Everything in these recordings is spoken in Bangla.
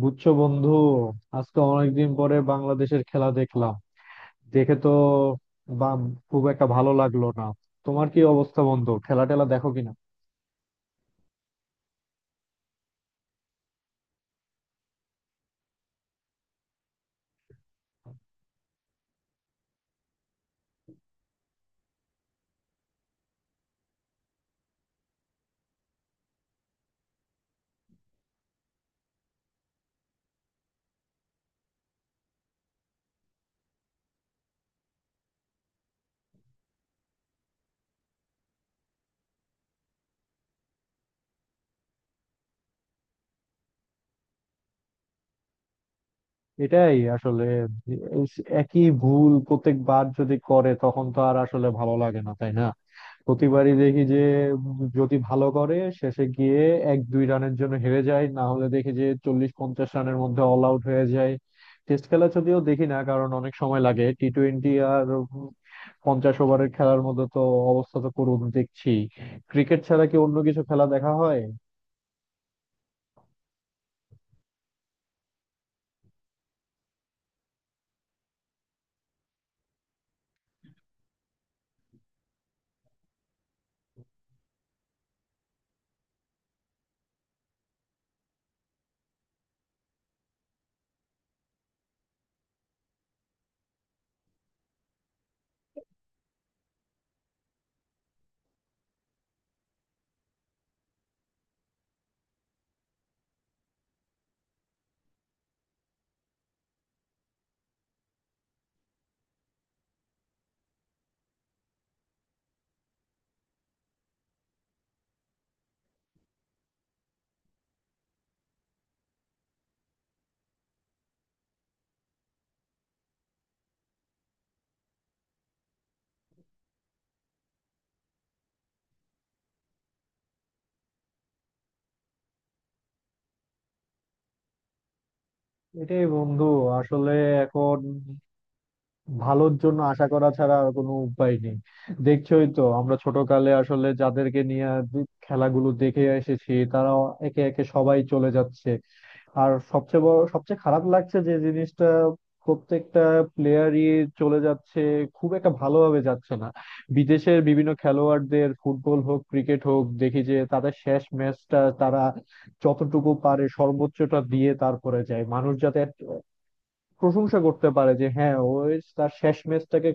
বুঝছো, বন্ধু। আজকে অনেকদিন পরে বাংলাদেশের খেলা দেখলাম, দেখে তো বা- খুব একটা ভালো লাগলো না। তোমার কি অবস্থা, বন্ধু? খেলা টেলা দেখো কিনা? এটাই আসলে, এই একই ভুল প্রত্যেকবার যদি করে তখন তো আর আসলে ভালো লাগে না, তাই না? প্রতিবারই দেখি যে যদি ভালো করে শেষে গিয়ে এক দুই রানের জন্য হেরে যায়, না হলে দেখি যে 40-50 রানের মধ্যে অল আউট হয়ে যায়। টেস্ট খেলা যদিও দেখি না কারণ অনেক সময় লাগে। টি-টোয়েন্টি আর 50 ওভারের খেলার মধ্যে তো অবস্থা তো করুন দেখছি। ক্রিকেট ছাড়া কি অন্য কিছু খেলা দেখা হয়? এটাই বন্ধু, আসলে এখন ভালোর জন্য আশা করা ছাড়া আর কোনো উপায় নেই। দেখছোই তো, আমরা ছোটকালে আসলে যাদেরকে নিয়ে খেলাগুলো দেখে এসেছি তারা একে একে সবাই চলে যাচ্ছে। আর সবচেয়ে বড় সবচেয়ে খারাপ লাগছে যে জিনিসটা, প্রত্যেকটা প্লেয়ারই চলে যাচ্ছে, খুব একটা ভালোভাবে যাচ্ছে না। বিদেশের বিভিন্ন খেলোয়াড়দের, ফুটবল হোক ক্রিকেট হোক, দেখি যে তাদের শেষ ম্যাচটা তারা যতটুকু পারে সর্বোচ্চটা দিয়ে তারপরে যায়, মানুষ যাতে প্রশংসা করতে পারে যে হ্যাঁ, ও তার শেষ ম্যাচটাকে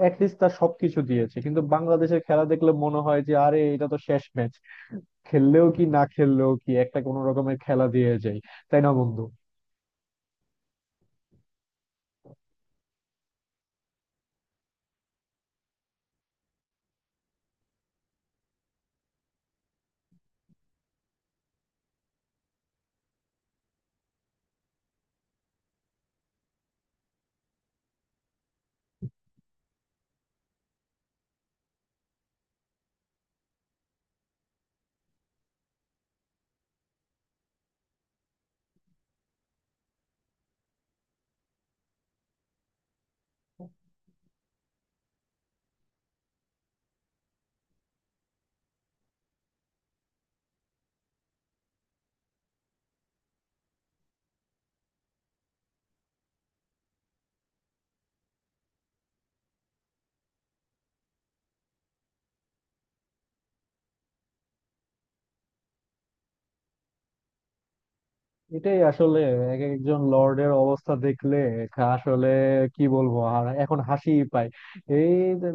অ্যাটলিস্ট তার সবকিছু দিয়েছে। কিন্তু বাংলাদেশের খেলা দেখলে মনে হয় যে আরে এটা তো শেষ ম্যাচ, খেললেও কি না খেললেও কি, একটা কোনো রকমের খেলা দিয়ে যায়। তাই না বন্ধু? এটাই আসলে, এক একজন লর্ডের অবস্থা দেখলে আসলে কি বলবো আর, এখন হাসিই পায়। এই যে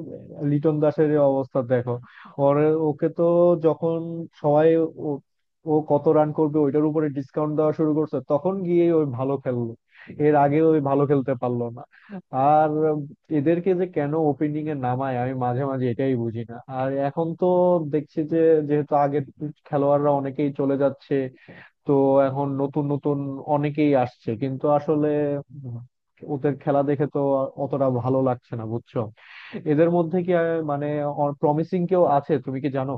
লিটন দাসের এই অবস্থা দেখো, ওর, ওকে তো যখন সবাই ও ও কত রান করবে ওইটার উপরে ডিসকাউন্ট দেওয়া শুরু করছে তখন গিয়ে ওই ভালো খেললো, এর আগে ওই ভালো খেলতে পারলো না। আর এদেরকে যে কেন ওপেনিং এ নামায় আমি মাঝে মাঝে এটাই বুঝি না। আর এখন তো দেখছি যে, যেহেতু আগের খেলোয়াড়রা অনেকেই চলে যাচ্ছে, তো এখন নতুন নতুন অনেকেই আসছে, কিন্তু আসলে উম, ওদের খেলা দেখে তো অতটা ভালো লাগছে না, বুঝছো। এদের মধ্যে কি আহ, মানে প্রমিসিং কেউ আছে, তুমি কি জানো?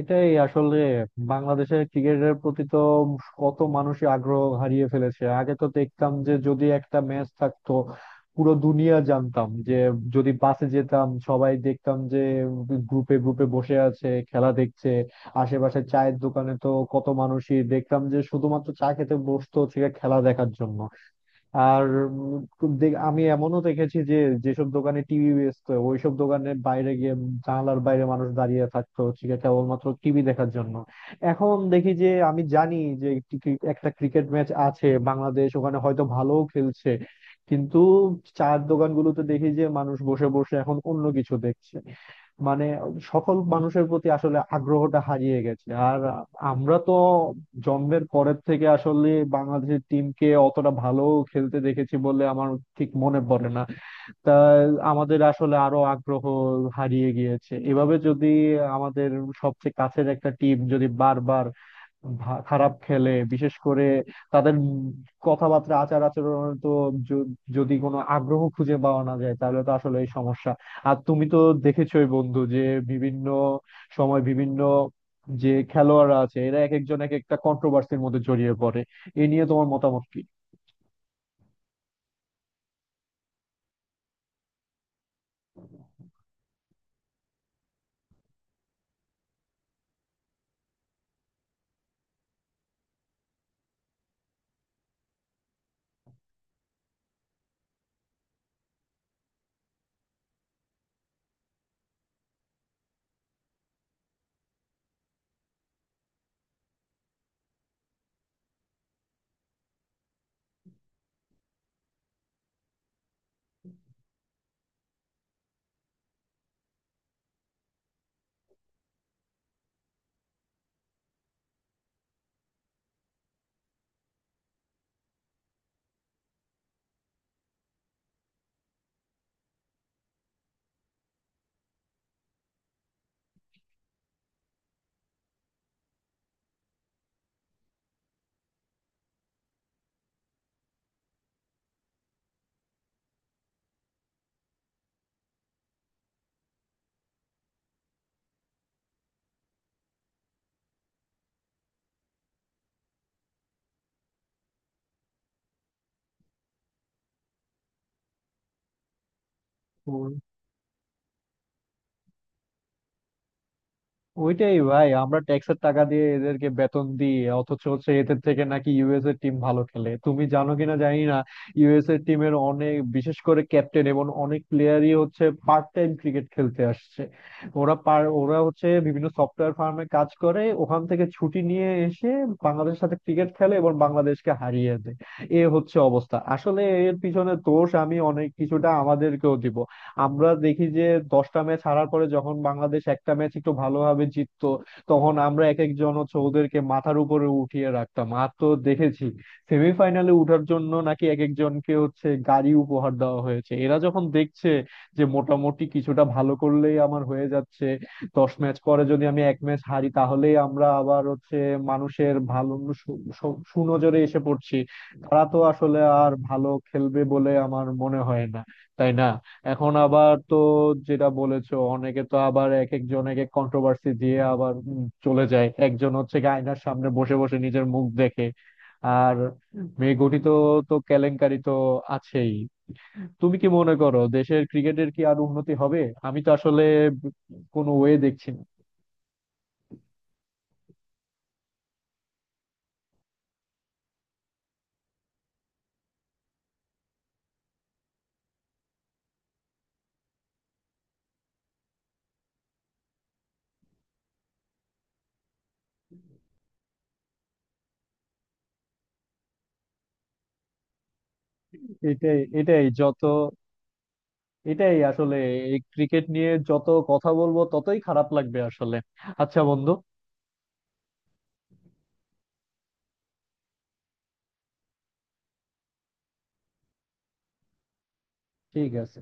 এটাই আসলে, বাংলাদেশের ক্রিকেটের প্রতি তো কত মানুষই আগ্রহ হারিয়ে ফেলেছে। আগে তো দেখতাম যে যদি একটা ম্যাচ থাকতো, পুরো দুনিয়া জানতাম যে, যদি বাসে যেতাম সবাই দেখতাম যে গ্রুপে গ্রুপে বসে আছে, খেলা দেখছে। আশেপাশে চায়ের দোকানে তো কত মানুষই দেখতাম যে শুধুমাত্র চা খেতে বসতো, হচ্ছে গিয়ে খেলা দেখার জন্য। আর আমি এমনও দেখেছি যে, যেসব দোকানে টিভি বেচতো ওইসব দোকানের বাইরে গিয়ে, জানালার বাইরে মানুষ দাঁড়িয়ে থাকতো, হচ্ছে গিয়ে কেবলমাত্র টিভি দেখার জন্য। এখন দেখি যে, আমি জানি যে একটি একটা ক্রিকেট ম্যাচ আছে, বাংলাদেশ ওখানে হয়তো ভালোও খেলছে, কিন্তু চায়ের দোকানগুলোতে দেখি যে মানুষ বসে বসে এখন অন্য কিছু দেখছে। মানে সকল মানুষের প্রতি আসলে আগ্রহটা হারিয়ে গেছে। আর আমরা তো জন্মের পরের থেকে আসলে বাংলাদেশের টিমকে অতটা ভালো খেলতে দেখেছি বলে আমার ঠিক মনে পড়ে না। তা আমাদের আসলে আরো আগ্রহ হারিয়ে গিয়েছে। এভাবে যদি আমাদের সবচেয়ে কাছের একটা টিম যদি বারবার খারাপ খেলে, বিশেষ করে তাদের কথাবার্তা আচার আচরণে তো য- যদি কোনো আগ্রহ খুঁজে পাওয়া না যায়, তাহলে তো আসলে এই সমস্যা। আর তুমি তো দেখেছোই বন্ধু যে বিভিন্ন সময় বিভিন্ন যে খেলোয়াড়রা আছে, এরা এক একজন এক একটা কন্ট্রোভার্সির মধ্যে জড়িয়ে পড়ে। এ নিয়ে তোমার মতামত কি? ওইটাই ভাই, আমরা ট্যাক্সের টাকা দিয়ে এদেরকে বেতন দিই, অথচ হচ্ছে এদের থেকে নাকি ইউএস এর টিম ভালো খেলে, তুমি জানো কিনা জানি না। ইউএস এর টিমের অনেক, বিশেষ করে ক্যাপ্টেন এবং অনেক প্লেয়ারই হচ্ছে পার্ট টাইম ক্রিকেট খেলতে আসছে। ওরা হচ্ছে বিভিন্ন সফটওয়্যার ফার্মে কাজ করে, ওখান থেকে ছুটি নিয়ে এসে বাংলাদেশের সাথে ক্রিকেট খেলে এবং বাংলাদেশকে হারিয়ে দেয়। এ হচ্ছে অবস্থা আসলে। এর পিছনে দোষ আমি অনেক কিছুটা আমাদেরকেও দিব। আমরা দেখি যে, 10টা ম্যাচ হারার পরে যখন বাংলাদেশ একটা ম্যাচ একটু ভালোভাবে জিততো, তখন আমরা এক একজন হচ্ছে ওদেরকে মাথার উপরে উঠিয়ে রাখতাম। আর তো দেখেছি, সেমিফাইনালে উঠার জন্য নাকি এক একজনকে হচ্ছে গাড়ি উপহার দেওয়া হয়েছে। এরা যখন দেখছে যে মোটামুটি কিছুটা ভালো করলেই আমার হয়ে যাচ্ছে, 10 ম্যাচ পরে যদি আমি এক ম্যাচ হারি তাহলেই আমরা আবার হচ্ছে মানুষের ভালো সু- সু- সুনজরে এসে পড়ছি, তারা তো আসলে আর ভালো খেলবে বলে আমার মনে হয় না। তাই না? এখন আবার তো, যেটা বলেছো, অনেকে তো আবার এক একজন এক এক কন্ট্রোভার্সি দিয়ে আবার চলে যায়। একজন হচ্ছে কি আয়নার সামনে বসে বসে নিজের মুখ দেখে, আর মেয়ে গঠিত তো কেলেঙ্কারি তো আছেই। তুমি কি মনে করো দেশের ক্রিকেটের কি আর উন্নতি হবে? আমি তো আসলে কোনো ওয়ে দেখছি না। এটাই এটাই যত এটাই আসলে, এই ক্রিকেট নিয়ে যত কথা বলবো ততই খারাপ লাগবে আসলে। আচ্ছা বন্ধু, ঠিক আছে।